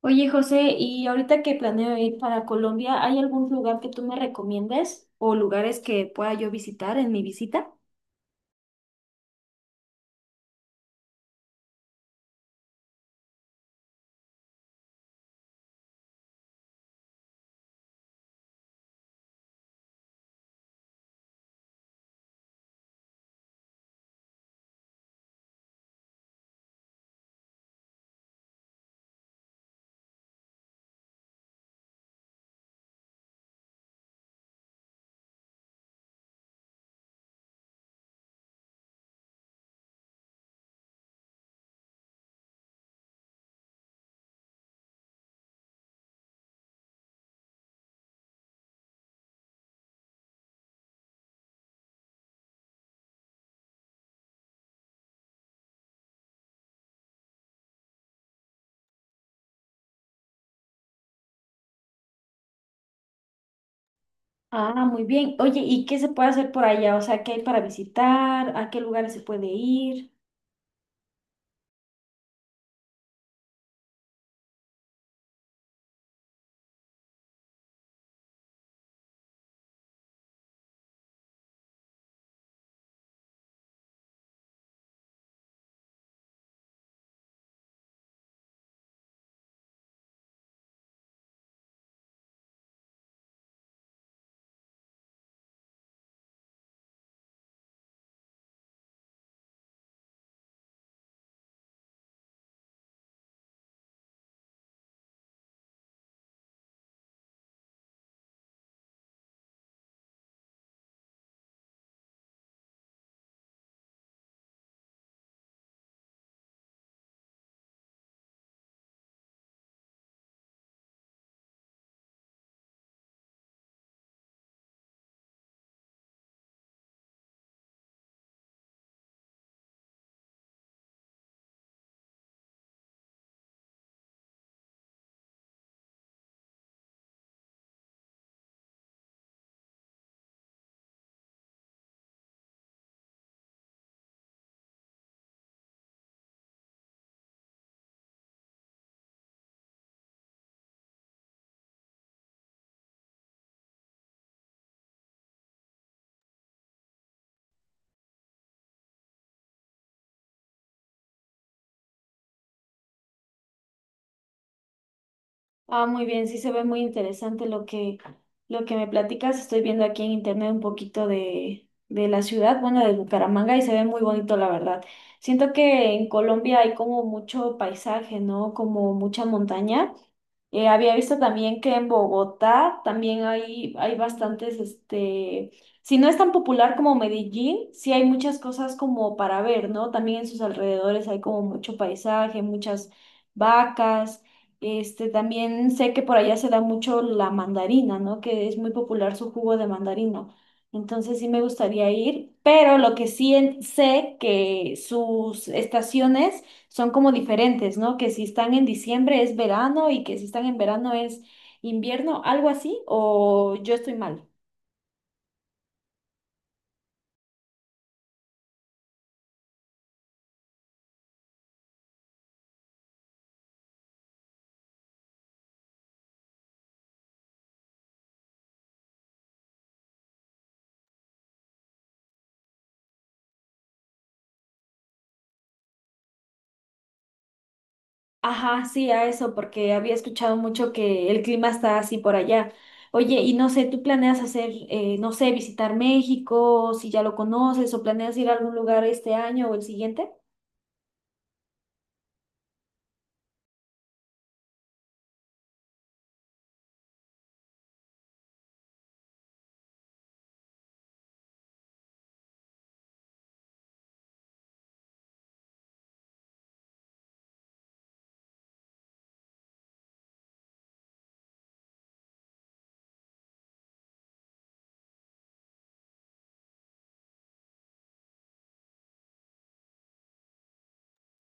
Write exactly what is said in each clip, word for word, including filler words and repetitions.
Oye, José, y ahorita que planeo ir para Colombia, ¿hay algún lugar que tú me recomiendes o lugares que pueda yo visitar en mi visita? Ah, muy bien. Oye, ¿y qué se puede hacer por allá? O sea, ¿qué hay para visitar? ¿A qué lugares se puede ir? Ah, muy bien, sí se ve muy interesante lo que, lo que me platicas. Estoy viendo aquí en internet un poquito de, de la ciudad, bueno, de Bucaramanga, y se ve muy bonito, la verdad. Siento que en Colombia hay como mucho paisaje, ¿no? Como mucha montaña. Eh, había visto también que en Bogotá también hay, hay bastantes, este, si no es tan popular como Medellín, sí hay muchas cosas como para ver, ¿no? También en sus alrededores hay como mucho paisaje, muchas vacas. Este, también sé que por allá se da mucho la mandarina, ¿no? Que es muy popular su jugo de mandarina. Entonces sí me gustaría ir, pero lo que sí en- sé que sus estaciones son como diferentes, ¿no? Que si están en diciembre es verano y que si están en verano es invierno, algo así, o yo estoy mal. Ajá, sí, a eso, porque había escuchado mucho que el clima está así por allá. Oye, y no sé, ¿tú planeas hacer, eh, no sé, visitar México, si ya lo conoces, o planeas ir a algún lugar este año o el siguiente?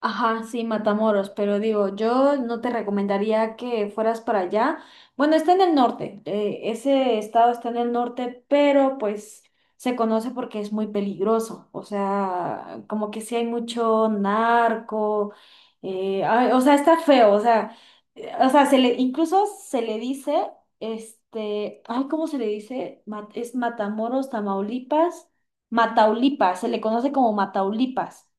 Ajá, sí, Matamoros, pero digo, yo no te recomendaría que fueras para allá. Bueno, está en el norte, eh, ese estado está en el norte, pero pues se conoce porque es muy peligroso, o sea, como que sí hay mucho narco, eh, ay, o sea, está feo, o sea, eh, o sea, se le, incluso se le dice, este, ay, ¿cómo se le dice? Ma- es Matamoros, Tamaulipas, Mataulipas, se le conoce como Mataulipas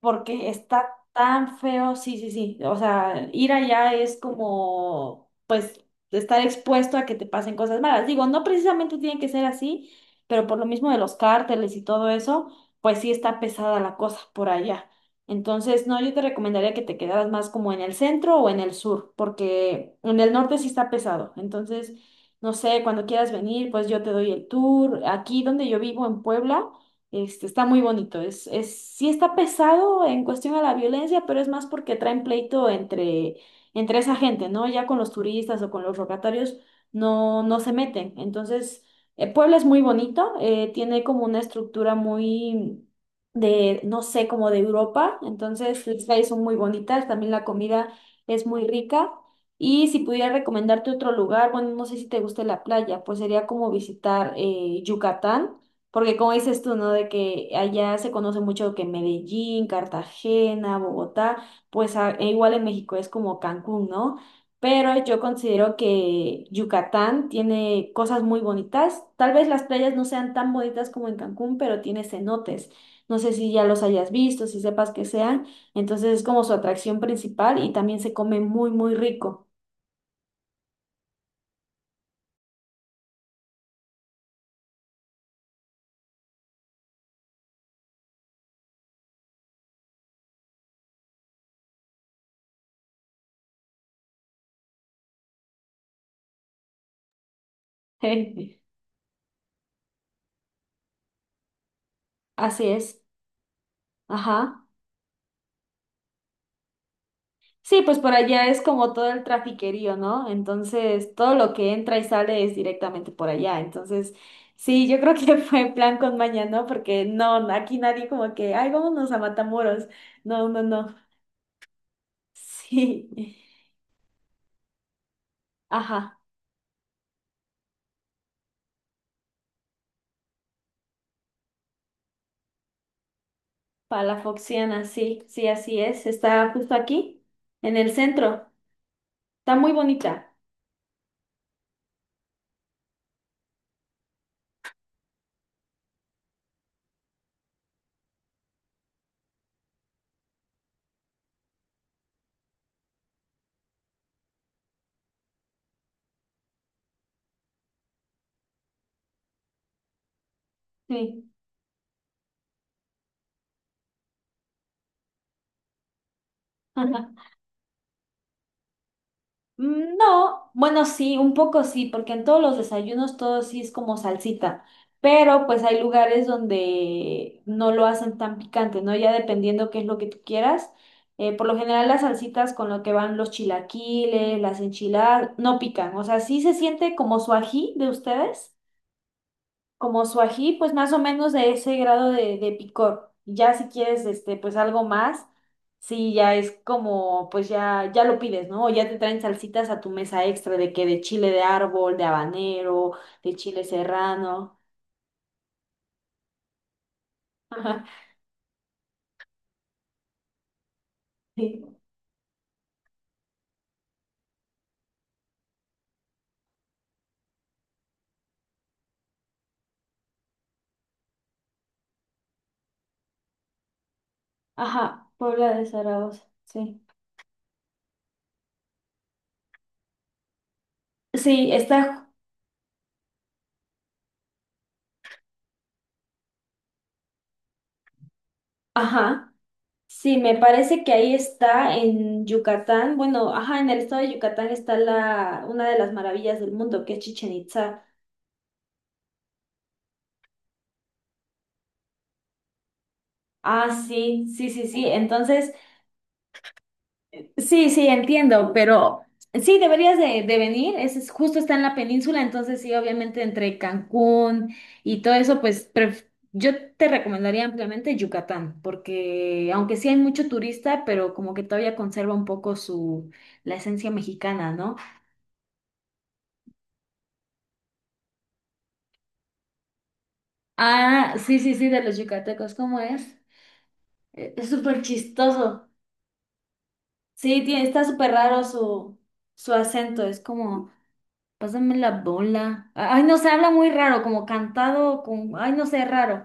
porque está tan feo, sí, sí, sí. O sea, ir allá es como, pues, estar expuesto a que te pasen cosas malas. Digo, no precisamente tiene que ser así, pero por lo mismo de los cárteles y todo eso, pues sí está pesada la cosa por allá. Entonces, no, yo te recomendaría que te quedaras más como en el centro o en el sur, porque en el norte sí está pesado. Entonces, no sé, cuando quieras venir, pues yo te doy el tour. Aquí donde yo vivo, en Puebla, este, está muy bonito. Es, es, sí está pesado en cuestión a la violencia, pero es más porque traen pleito entre, entre esa gente, ¿no? Ya con los turistas o con los locatarios no, no se meten. Entonces, eh, Puebla es muy bonito, eh, tiene como una estructura muy de, no sé, como de Europa. Entonces, las calles son muy bonitas, también la comida es muy rica. Y si pudiera recomendarte otro lugar, bueno, no sé si te guste la playa, pues sería como visitar eh, Yucatán. Porque como dices tú, ¿no? De que allá se conoce mucho que Medellín, Cartagena, Bogotá, pues a- e igual en México es como Cancún, ¿no? Pero yo considero que Yucatán tiene cosas muy bonitas. Tal vez las playas no sean tan bonitas como en Cancún, pero tiene cenotes. No sé si ya los hayas visto, si sepas que sean. Entonces es como su atracción principal y también se come muy, muy rico. Así es. Ajá. Sí, pues por allá es como todo el trafiquerío, ¿no? Entonces, todo lo que entra y sale es directamente por allá. Entonces, sí, yo creo que fue plan con maña, ¿no? Porque no, aquí nadie como que, ay, vámonos a Matamoros. No, no, no. Sí. Ajá, para la Foxiana, sí, sí, así es. Está justo aquí, en el centro. Está muy bonita. Sí. Mm, no, bueno, sí, un poco sí, porque en todos los desayunos todo sí es como salsita, pero pues hay lugares donde no lo hacen tan picante, ¿no? Ya dependiendo qué es lo que tú quieras. Eh, por lo general las salsitas con lo que van los chilaquiles, las enchiladas, no pican, o sea, sí se siente como su ají de ustedes, como su ají, pues más o menos de ese grado de, de picor. Ya si quieres, este, pues algo más, sí, ya es como, pues ya, ya lo pides, ¿no? O ya te traen salsitas a tu mesa extra de que de chile de árbol, de habanero, de chile serrano. Ajá, sí. Ajá, Puebla de Zaragoza, sí. Sí, está, ajá. Sí, me parece que ahí está en Yucatán. Bueno, ajá, en el estado de Yucatán está la, una de las maravillas del mundo, que es Chichen Itzá. Ah, sí, sí, sí, sí. Entonces, sí, sí, entiendo, pero sí, deberías de, de venir. Es, es- justo está en la península, entonces sí, obviamente entre Cancún y todo eso, pues pref- yo te recomendaría ampliamente Yucatán, porque aunque sí hay mucho turista, pero como que todavía conserva un poco su la esencia mexicana, ¿no? Ah, sí, sí, sí, de los yucatecos, ¿cómo es? Eh, Es súper chistoso. Sí, tiene, está súper raro su, su acento, es como... Pásame la bola. Ay, no sé, habla muy raro, como cantado, con... Ay, no sé, raro.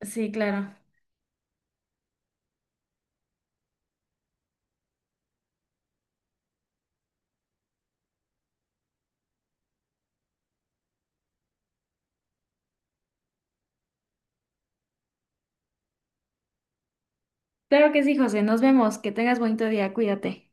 Sí, claro. Claro que sí, José. Nos vemos. Que tengas bonito día. Cuídate.